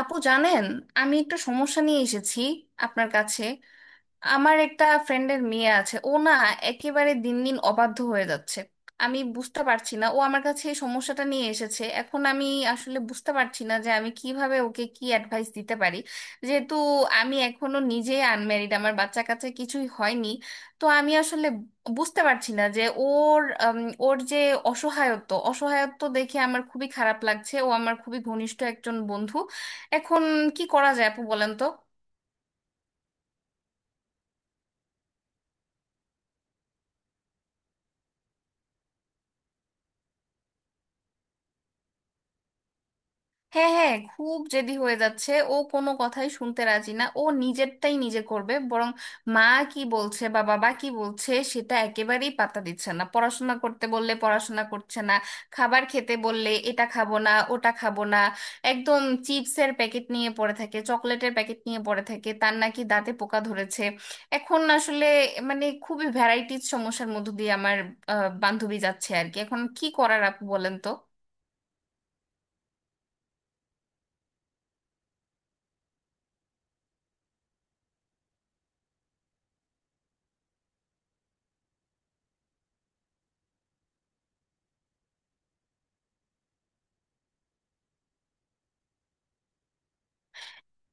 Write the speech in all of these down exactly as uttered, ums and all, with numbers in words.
আপু জানেন আমি একটা সমস্যা নিয়ে এসেছি আপনার কাছে। আমার একটা ফ্রেন্ডের মেয়ে আছে, ও না একেবারে দিন দিন অবাধ্য হয়ে যাচ্ছে। আমি বুঝতে পারছি না, ও আমার কাছে এই সমস্যাটা নিয়ে এসেছে। এখন আমি আসলে বুঝতে পারছি না যে আমি কিভাবে ওকে কি অ্যাডভাইস দিতে পারি, যেহেতু আমি এখনো নিজে আনম্যারিড, আমার বাচ্চা কাচ্চা কিছুই হয়নি। তো আমি আসলে বুঝতে পারছি না যে ওর উম, ওর যে অসহায়ত্ব অসহায়ত্ব দেখে আমার খুবই খারাপ লাগছে। ও আমার খুবই ঘনিষ্ঠ একজন বন্ধু। এখন কি করা যায় আপু বলেন তো? হ্যাঁ হ্যাঁ, খুব জেদি হয়ে যাচ্ছে, ও কোনো কথাই শুনতে রাজি না, ও নিজেরটাই নিজে করবে। বরং মা কি বলছে বা বাবা কি বলছে সেটা একেবারেই পাত্তা দিচ্ছে না। পড়াশোনা করতে বললে পড়াশোনা করছে না, খাবার খেতে বললে এটা খাবো না ওটা খাবো না, একদম চিপসের প্যাকেট নিয়ে পড়ে থাকে, চকলেটের প্যাকেট নিয়ে পড়ে থাকে, তার নাকি দাঁতে পোকা ধরেছে। এখন আসলে মানে খুবই ভ্যারাইটিজ সমস্যার মধ্য দিয়ে আমার আহ, বান্ধবী যাচ্ছে আর কি। এখন কি করার আপু বলেন তো?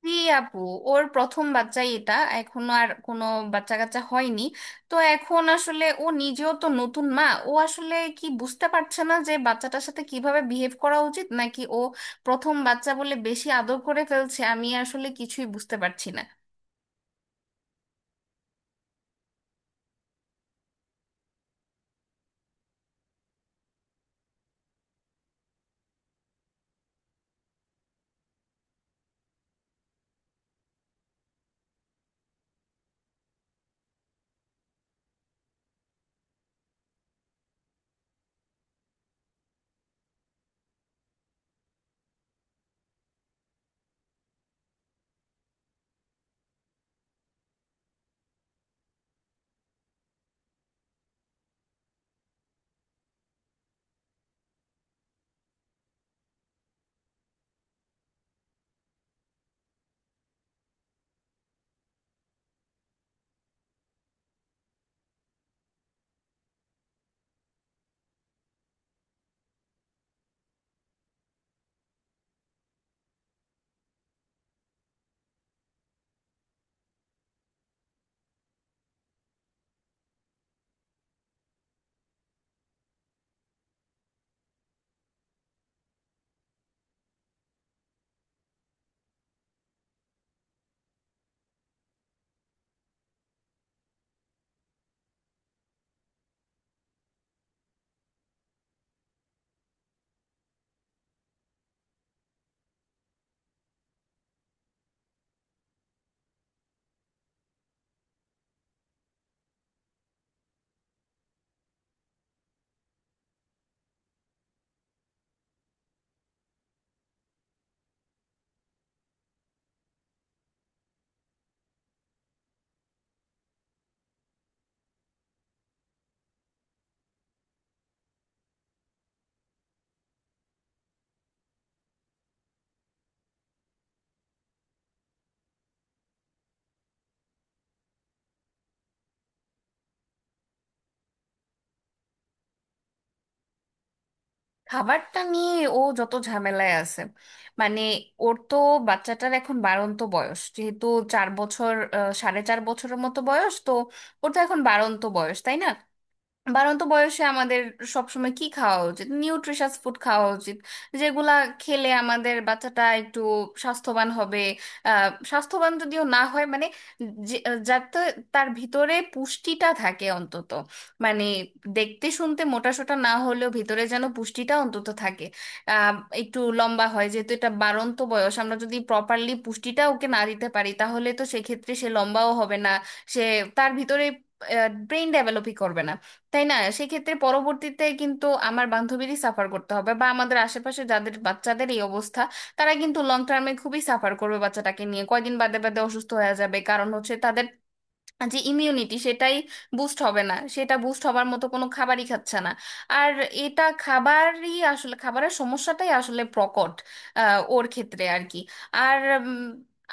জি আপু, ওর প্রথম বাচ্চাই এটা, এখনো আর কোনো বাচ্চা কাচ্চা হয়নি। তো এখন আসলে ও নিজেও তো নতুন মা, ও আসলে কি বুঝতে পারছে না যে বাচ্চাটার সাথে কিভাবে বিহেভ করা উচিত, নাকি ও প্রথম বাচ্চা বলে বেশি আদর করে ফেলছে। আমি আসলে কিছুই বুঝতে পারছি না। খাবারটা নিয়ে ও যত ঝামেলায় আছে, মানে ওর তো, বাচ্চাটার এখন বাড়ন্ত বয়স, যেহেতু চার বছর, আহ, সাড়ে চার বছরের মতো বয়স তো, ওর তো এখন বাড়ন্ত বয়স তাই না? বাড়ন্ত বয়সে আমাদের সবসময় কি খাওয়া উচিত, নিউট্রিশাস ফুড খাওয়া উচিত, যেগুলা খেলে আমাদের বাচ্চাটা একটু স্বাস্থ্যবান হবে। আহ, স্বাস্থ্যবান যদিও না হয়, মানে যে- যাতে তার ভিতরে পুষ্টিটা থাকে অন্তত, মানে দেখতে শুনতে মোটাসোটা না হলেও ভিতরে যেন পুষ্টিটা অন্তত থাকে। আহ, একটু লম্বা হয়, যেহেতু এটা বাড়ন্ত বয়স, আমরা যদি প্রপারলি পুষ্টিটা ওকে না দিতে পারি তাহলে তো সেক্ষেত্রে সে লম্বাও হবে না, সে তার ভিতরে ব্রেইন ডেভেলপই করবে না, তাই না? সেক্ষেত্রে পরবর্তীতে কিন্তু আমার বান্ধবীরই সাফার করতে হবে, বা আমাদের আশেপাশে যাদের বাচ্চাদের এই অবস্থা তারা কিন্তু লং টার্মে খুবই সাফার করবে, বাচ্চাটাকে নিয়ে কয়দিন বাদে বাদে অসুস্থ হয়ে যাবে, কারণ হচ্ছে তাদের যে ইমিউনিটি সেটাই বুস্ট হবে না, সেটা বুস্ট হবার মতো কোনো খাবারই খাচ্ছে না। আর এটা খাবারই আসলে, খাবারের সমস্যাটাই আসলে প্রকট আহ, ওর ক্ষেত্রে আর কি। আর উম,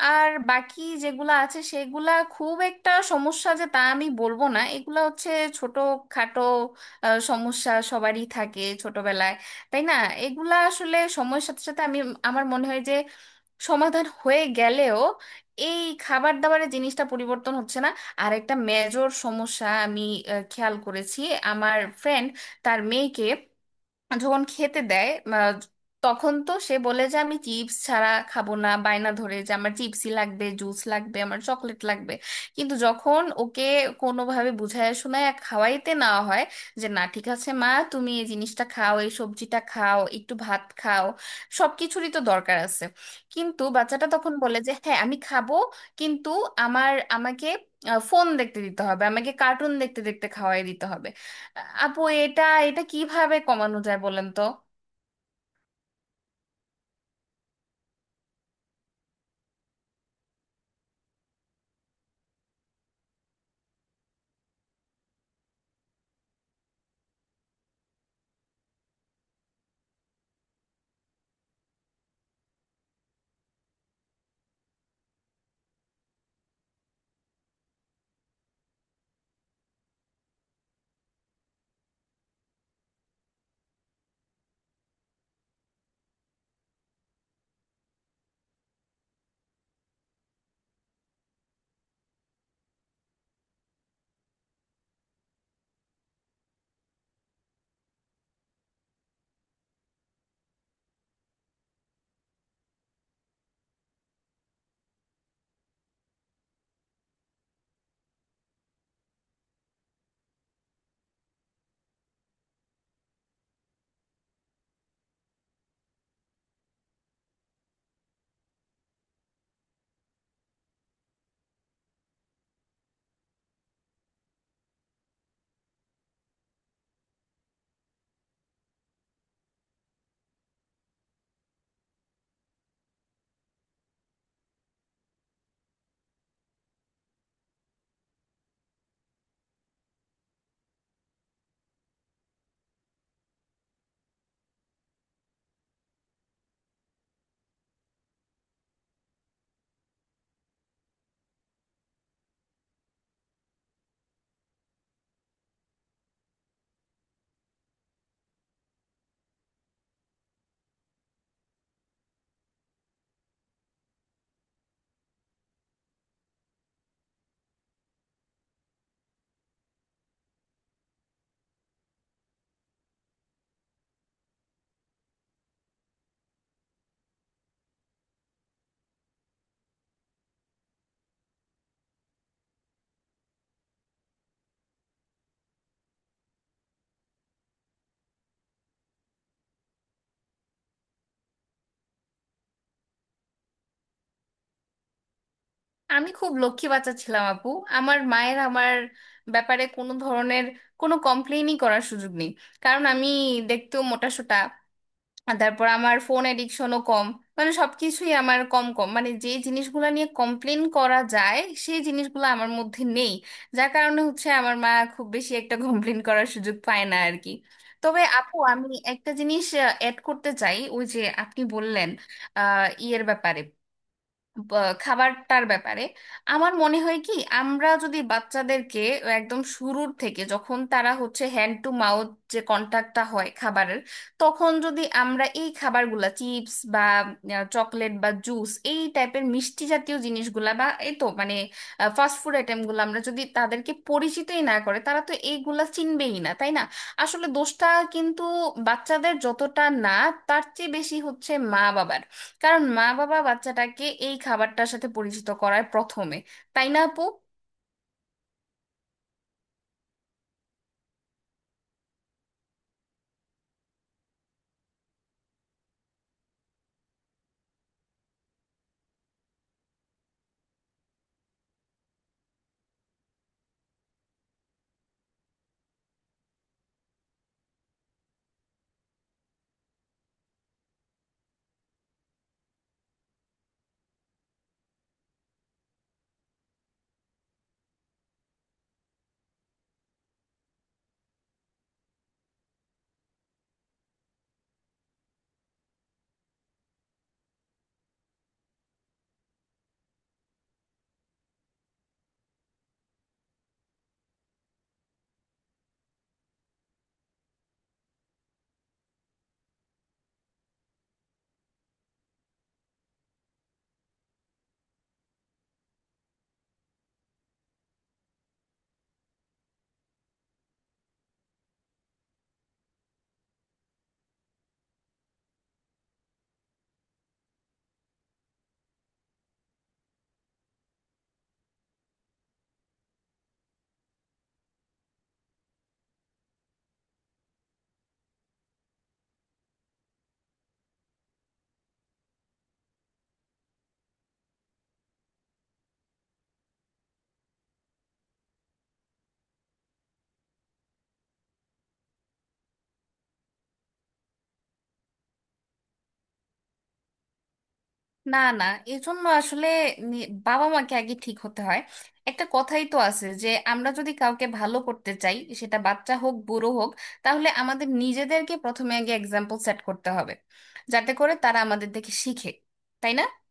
আর বাকি যেগুলা আছে সেগুলা খুব একটা সমস্যা যে তা আমি বলবো না, এগুলা হচ্ছে ছোট খাটো আহ, সমস্যা, সবারই থাকে ছোটবেলায় তাই না? এগুলা আসলে সময়ের সাথে সাথে, আমি, আমার মনে হয় যে সমাধান হয়ে গেলেও এই খাবার দাবারের জিনিসটা পরিবর্তন হচ্ছে না। আর একটা মেজর সমস্যা আমি আহ, খেয়াল করেছি। আমার ফ্রেন্ড তার মেয়েকে যখন খেতে দেয় আহ, তখন তো সে বলে যে আমি চিপস ছাড়া খাবো না, বায়না ধরে যে আমার চিপসই লাগবে, জুস লাগবে, আমার চকলেট লাগবে। কিন্তু যখন ওকে কোনোভাবে বুঝায় শোনায় খাওয়াইতে নেওয়া হয় যে না ঠিক আছে মা তুমি এই জিনিসটা খাও, এই সবজিটা খাও, একটু ভাত খাও, সব কিছুরই তো দরকার আছে, কিন্তু বাচ্চাটা তখন বলে যে হ্যাঁ আমি খাবো কিন্তু আমার, আমাকে ফোন দেখতে দিতে হবে, আমাকে কার্টুন দেখতে দেখতে খাওয়াই দিতে হবে। আপু এটা, এটা কিভাবে কমানো যায় বলেন তো? আমি খুব লক্ষ্মী বাচ্চা ছিলাম আপু, আমার মায়ের আমার ব্যাপারে কোনো ধরনের কোনো কমপ্লেইনই করার সুযোগ নেই, কারণ আমি দেখতেও মোটাসোটা, আর তারপর আমার ফোন এডিকশনও কম, মানে সবকিছুই আমার কম কম, মানে যে জিনিসগুলো নিয়ে কমপ্লেন করা যায় সেই জিনিসগুলো আমার মধ্যে নেই, যার কারণে হচ্ছে আমার মা খুব বেশি একটা কমপ্লেন করার সুযোগ পায় না আর কি। তবে আপু আমি একটা জিনিস অ্যাড করতে চাই, ওই যে আপনি বললেন আহ ইয়ের ব্যাপারে, বা- খাবারটার ব্যাপারে। আমার মনে হয় কি, আমরা যদি বাচ্চাদেরকে একদম শুরুর থেকে, যখন তারা হচ্ছে হ্যান্ড টু মাউথ, যে কন্টাক্টটা হয় খাবারের, তখন যদি আমরা এই খাবারগুলা চিপস বা চকলেট বা জুস এই টাইপের মিষ্টি জাতীয় জিনিসগুলা বা এই তো মানে ফাস্ট ফুড আইটেমগুলো আমরা যদি তাদেরকে পরিচিতই না করে, তারা তো এইগুলা চিনবেই না তাই না? আসলে দোষটা কিন্তু বাচ্চাদের যতটা না, তার চেয়ে বেশি হচ্ছে মা বাবার, কারণ মা বাবা বাচ্চাটাকে এই খাবারটার সাথে পরিচিত করায় প্রথমে, তাই না আপু? না না, এজন্য আসলে নি- বাবা মাকে আগে ঠিক হতে হয়। একটা কথাই তো আছে যে আমরা যদি কাউকে ভালো করতে চাই, সেটা বাচ্চা হোক বুড়ো হোক, তাহলে আমাদের নিজেদেরকে প্রথমে আগে এক্সাম্পল সেট করতে হবে, যাতে করে তারা আমাদের দেখে শিখে, তাই না?